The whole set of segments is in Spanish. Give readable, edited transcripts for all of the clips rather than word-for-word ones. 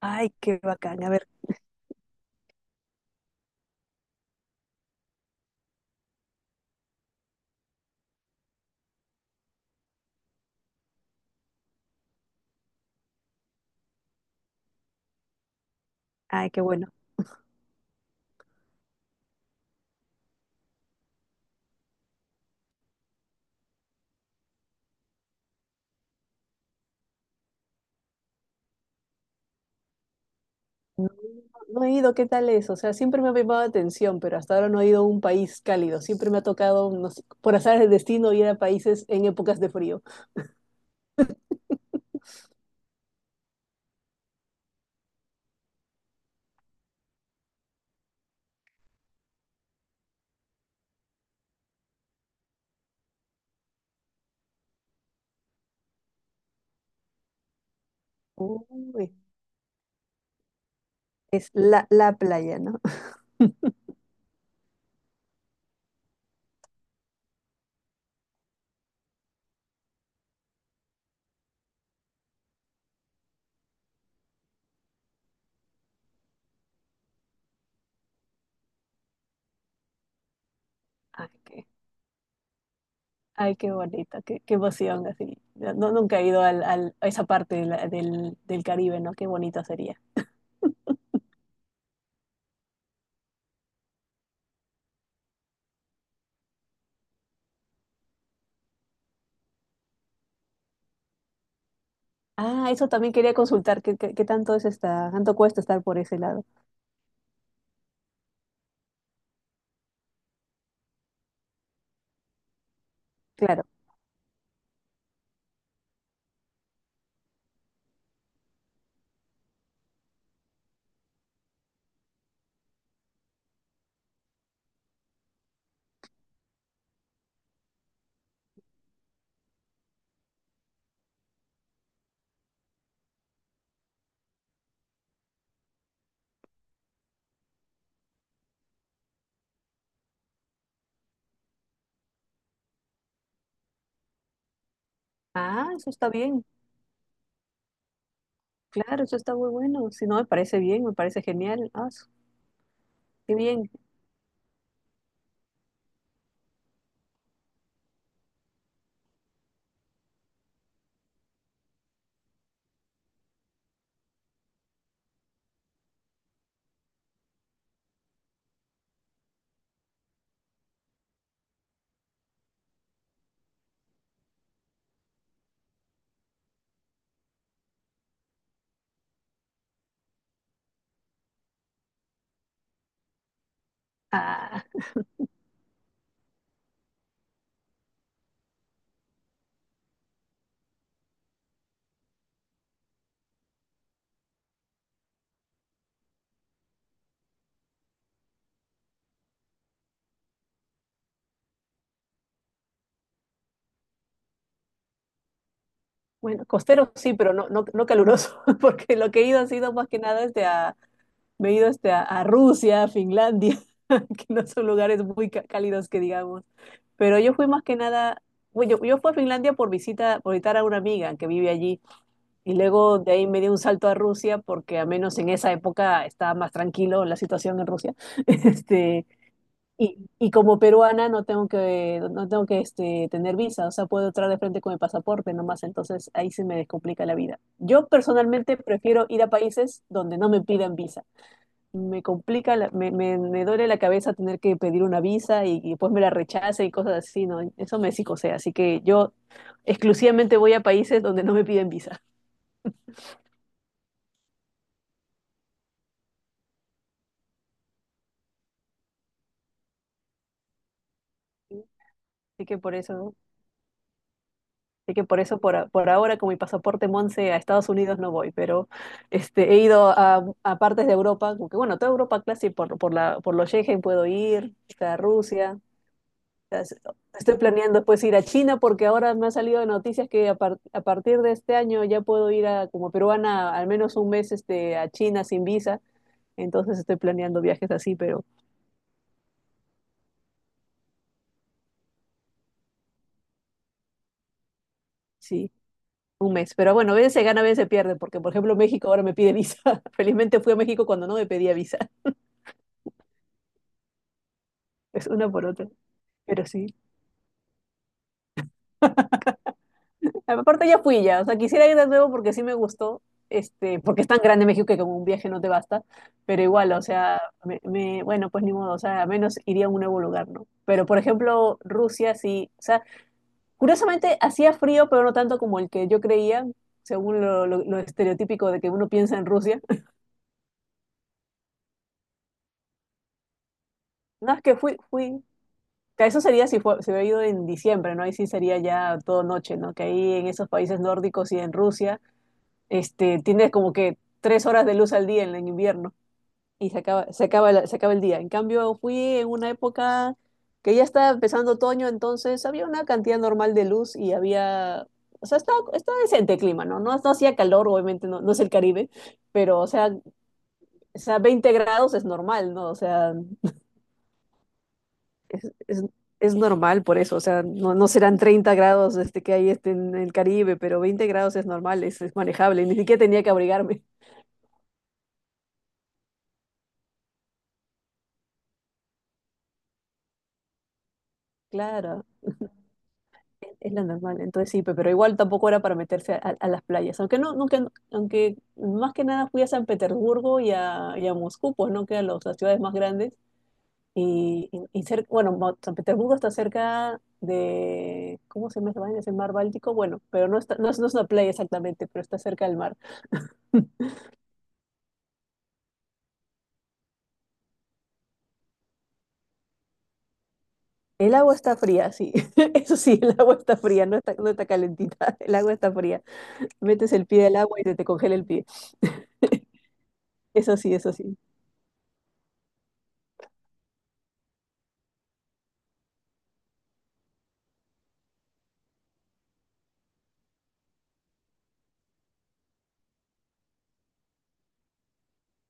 Ay, qué bacán. A ver, ay, qué bueno. No he ido, ¿qué tal es? O sea, siempre me ha llamado la atención, pero hasta ahora no he ido a un país cálido. Siempre me ha tocado, no sé, por azar del destino, ir a países en épocas de frío. Uy, es la playa, ¿no? Ay, qué bonito, qué emoción, así. No, nunca he ido a esa parte de del Caribe, ¿no? Qué bonito sería. Ah, eso también quería consultar. ¿Qué tanto es tanto cuesta estar por ese lado? Claro. Ah, eso está bien. Claro, eso está muy bueno. Si no, me parece bien, me parece genial. Qué bien. Ah, bueno, costero sí, pero no, no, no caluroso, porque lo que he ido ha sido más que nada desde a. Me he ido a Rusia, a Finlandia, que no son lugares muy cálidos que digamos. Pero yo fui más que nada, bueno, yo fui a Finlandia por visita, por visitar a una amiga que vive allí. Y luego de ahí me di un salto a Rusia porque al menos en esa época estaba más tranquilo la situación en Rusia. Este, y como peruana no tengo que tener visa, o sea, puedo entrar de frente con mi pasaporte nomás, entonces ahí se me descomplica la vida. Yo personalmente prefiero ir a países donde no me pidan visa. Me duele la cabeza tener que pedir una visa y después me la rechace y cosas así, ¿no? Eso me psicosea, así que yo exclusivamente voy a países donde no me piden visa. Así que por eso, por ahora con mi pasaporte Monse a Estados Unidos no voy, pero he ido a partes de Europa, como que bueno, toda Europa clásica por, por los Schengen puedo ir, hasta Rusia. As- Estoy planeando pues ir a China porque ahora me ha salido de noticias que a partir de este año ya puedo ir como peruana al menos un mes a China sin visa. Entonces estoy planeando viajes así, pero sí, un mes. Pero bueno, a veces se gana, a veces se pierde, porque por ejemplo México ahora me pide visa. Felizmente fui a México cuando no me pedía visa. Es una por otra. Pero sí. Aparte ya fui ya, o sea, quisiera ir de nuevo porque sí me gustó, porque es tan grande México que con un viaje no te basta, pero igual, o sea, bueno, pues ni modo, o sea, al menos iría a un nuevo lugar, ¿no? Pero por ejemplo, Rusia sí, o sea, curiosamente hacía frío, pero no tanto como el que yo creía, según lo estereotípico de que uno piensa en Rusia. No, es que eso sería si fue, se hubiera ido en diciembre, ¿no? Ahí sí sería ya todo noche, ¿no? Que ahí en esos países nórdicos y en Rusia, tienes como que 3 horas de luz al día en el invierno. Y se acaba el día. En cambio, fui en una época que ya estaba empezando otoño, entonces había una cantidad normal de luz y había, o sea, estaba decente el clima, ¿no? No, no hacía calor, obviamente, no, no es el Caribe, pero, o sea, 20 grados es normal, ¿no? O sea, es, es normal por eso, o sea, no, no serán 30 grados que hay en el Caribe, pero 20 grados es normal, es manejable, ni siquiera tenía que abrigarme. Claro, es la normal, entonces sí, pero igual tampoco era para meterse a las playas, aunque no, nunca, aunque más que nada fui a San Petersburgo y a Moscú, pues no que a las ciudades más grandes, y San Petersburgo está cerca de, ¿cómo se llama esa vaina? ¿Es el mar Báltico? Bueno, pero no, está, no, es, no es una playa exactamente, pero está cerca del mar. El agua está fría, sí, eso sí, el agua está fría, no está calentita, el agua está fría, metes el pie al agua y se te congela el pie, eso sí, eso sí.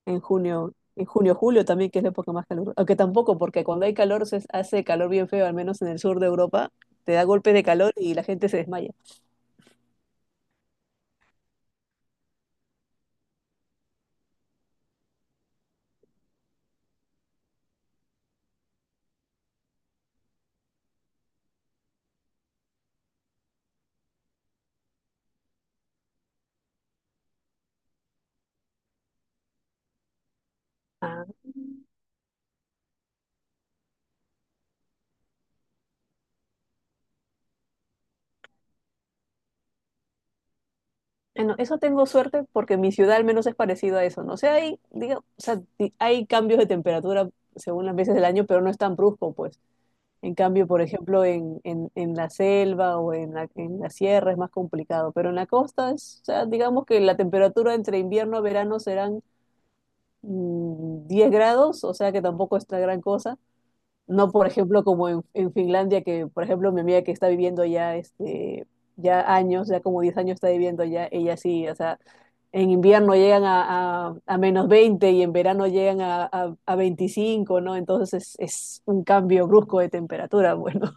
En en junio, julio también, que es la época más calurosa. Aunque tampoco, porque cuando hay calor se hace calor bien feo, al menos en el sur de Europa, te da golpes de calor y la gente se desmaya. Ah, bueno, eso tengo suerte porque mi ciudad al menos es parecido a eso, ¿no? O sea, hay, diga, o sea, di- hay cambios de temperatura según las veces del año, pero no es tan brusco, pues. En cambio, por ejemplo, en la selva o en la sierra es más complicado, pero en la costa, o sea, digamos que la temperatura entre invierno y verano serán 10 grados, o sea que tampoco es la gran cosa. No, por ejemplo, como en Finlandia, que por ejemplo mi amiga que está viviendo allá, ya como 10 años está viviendo allá, ella sí, o sea, en invierno llegan a -20 y en verano llegan a 25, ¿no? Entonces es un cambio brusco de temperatura, bueno.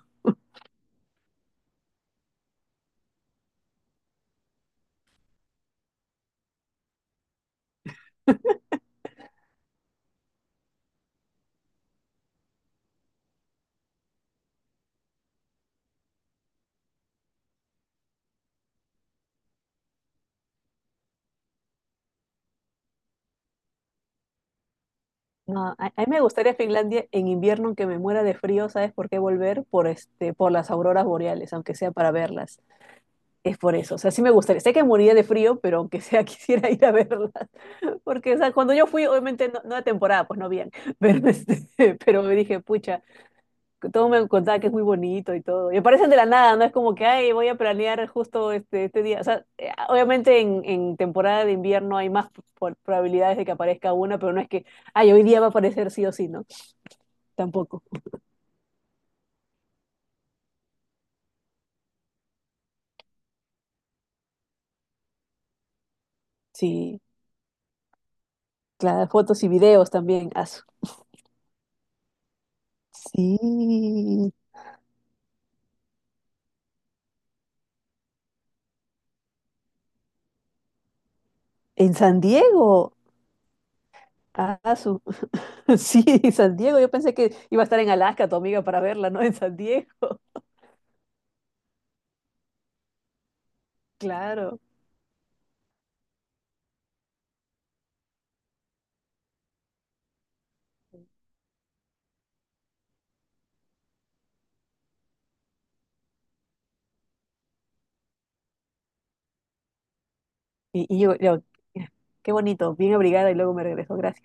No, a mí me gustaría Finlandia en invierno, aunque me muera de frío, ¿sabes por qué volver? Por las auroras boreales, aunque sea para verlas. Es por eso, o sea, sí me gustaría. Sé que moriría de frío, pero aunque sea quisiera ir a verla. Porque, o sea, cuando yo fui, obviamente no, no de temporada, pues no bien. Pero, pero me dije, pucha, todo me contaba que es muy bonito y todo. Y aparecen de la nada, no es como que, ay, voy a planear justo este día. O sea, obviamente en temporada de invierno hay más probabilidades de que aparezca una, pero no es que, ay, hoy día va a aparecer sí o sí, ¿no? Tampoco. Sí, claro, fotos y videos también. Asu. Sí, en San Diego. Ah, su. Sí, San Diego. Yo pensé que iba a estar en Alaska tu amiga para verla, ¿no? En San Diego. Claro. Y yo, qué bonito, bien abrigada y luego me regreso. Gracias.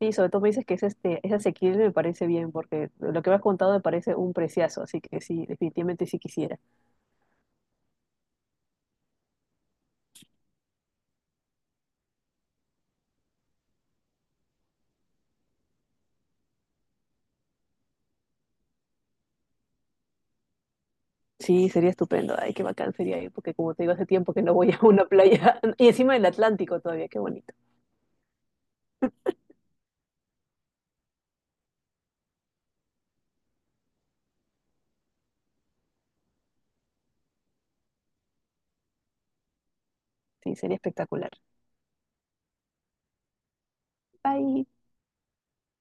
Sí, sobre todo me dices que es asequible, me parece bien, porque lo que me has contado me parece un preciazo. Así que sí, definitivamente sí quisiera. Sí, sería estupendo. Ay, qué bacán sería ir, porque como te digo, hace tiempo que no voy a una playa. Y encima del Atlántico todavía, qué bonito. Sí, sería espectacular. Bye.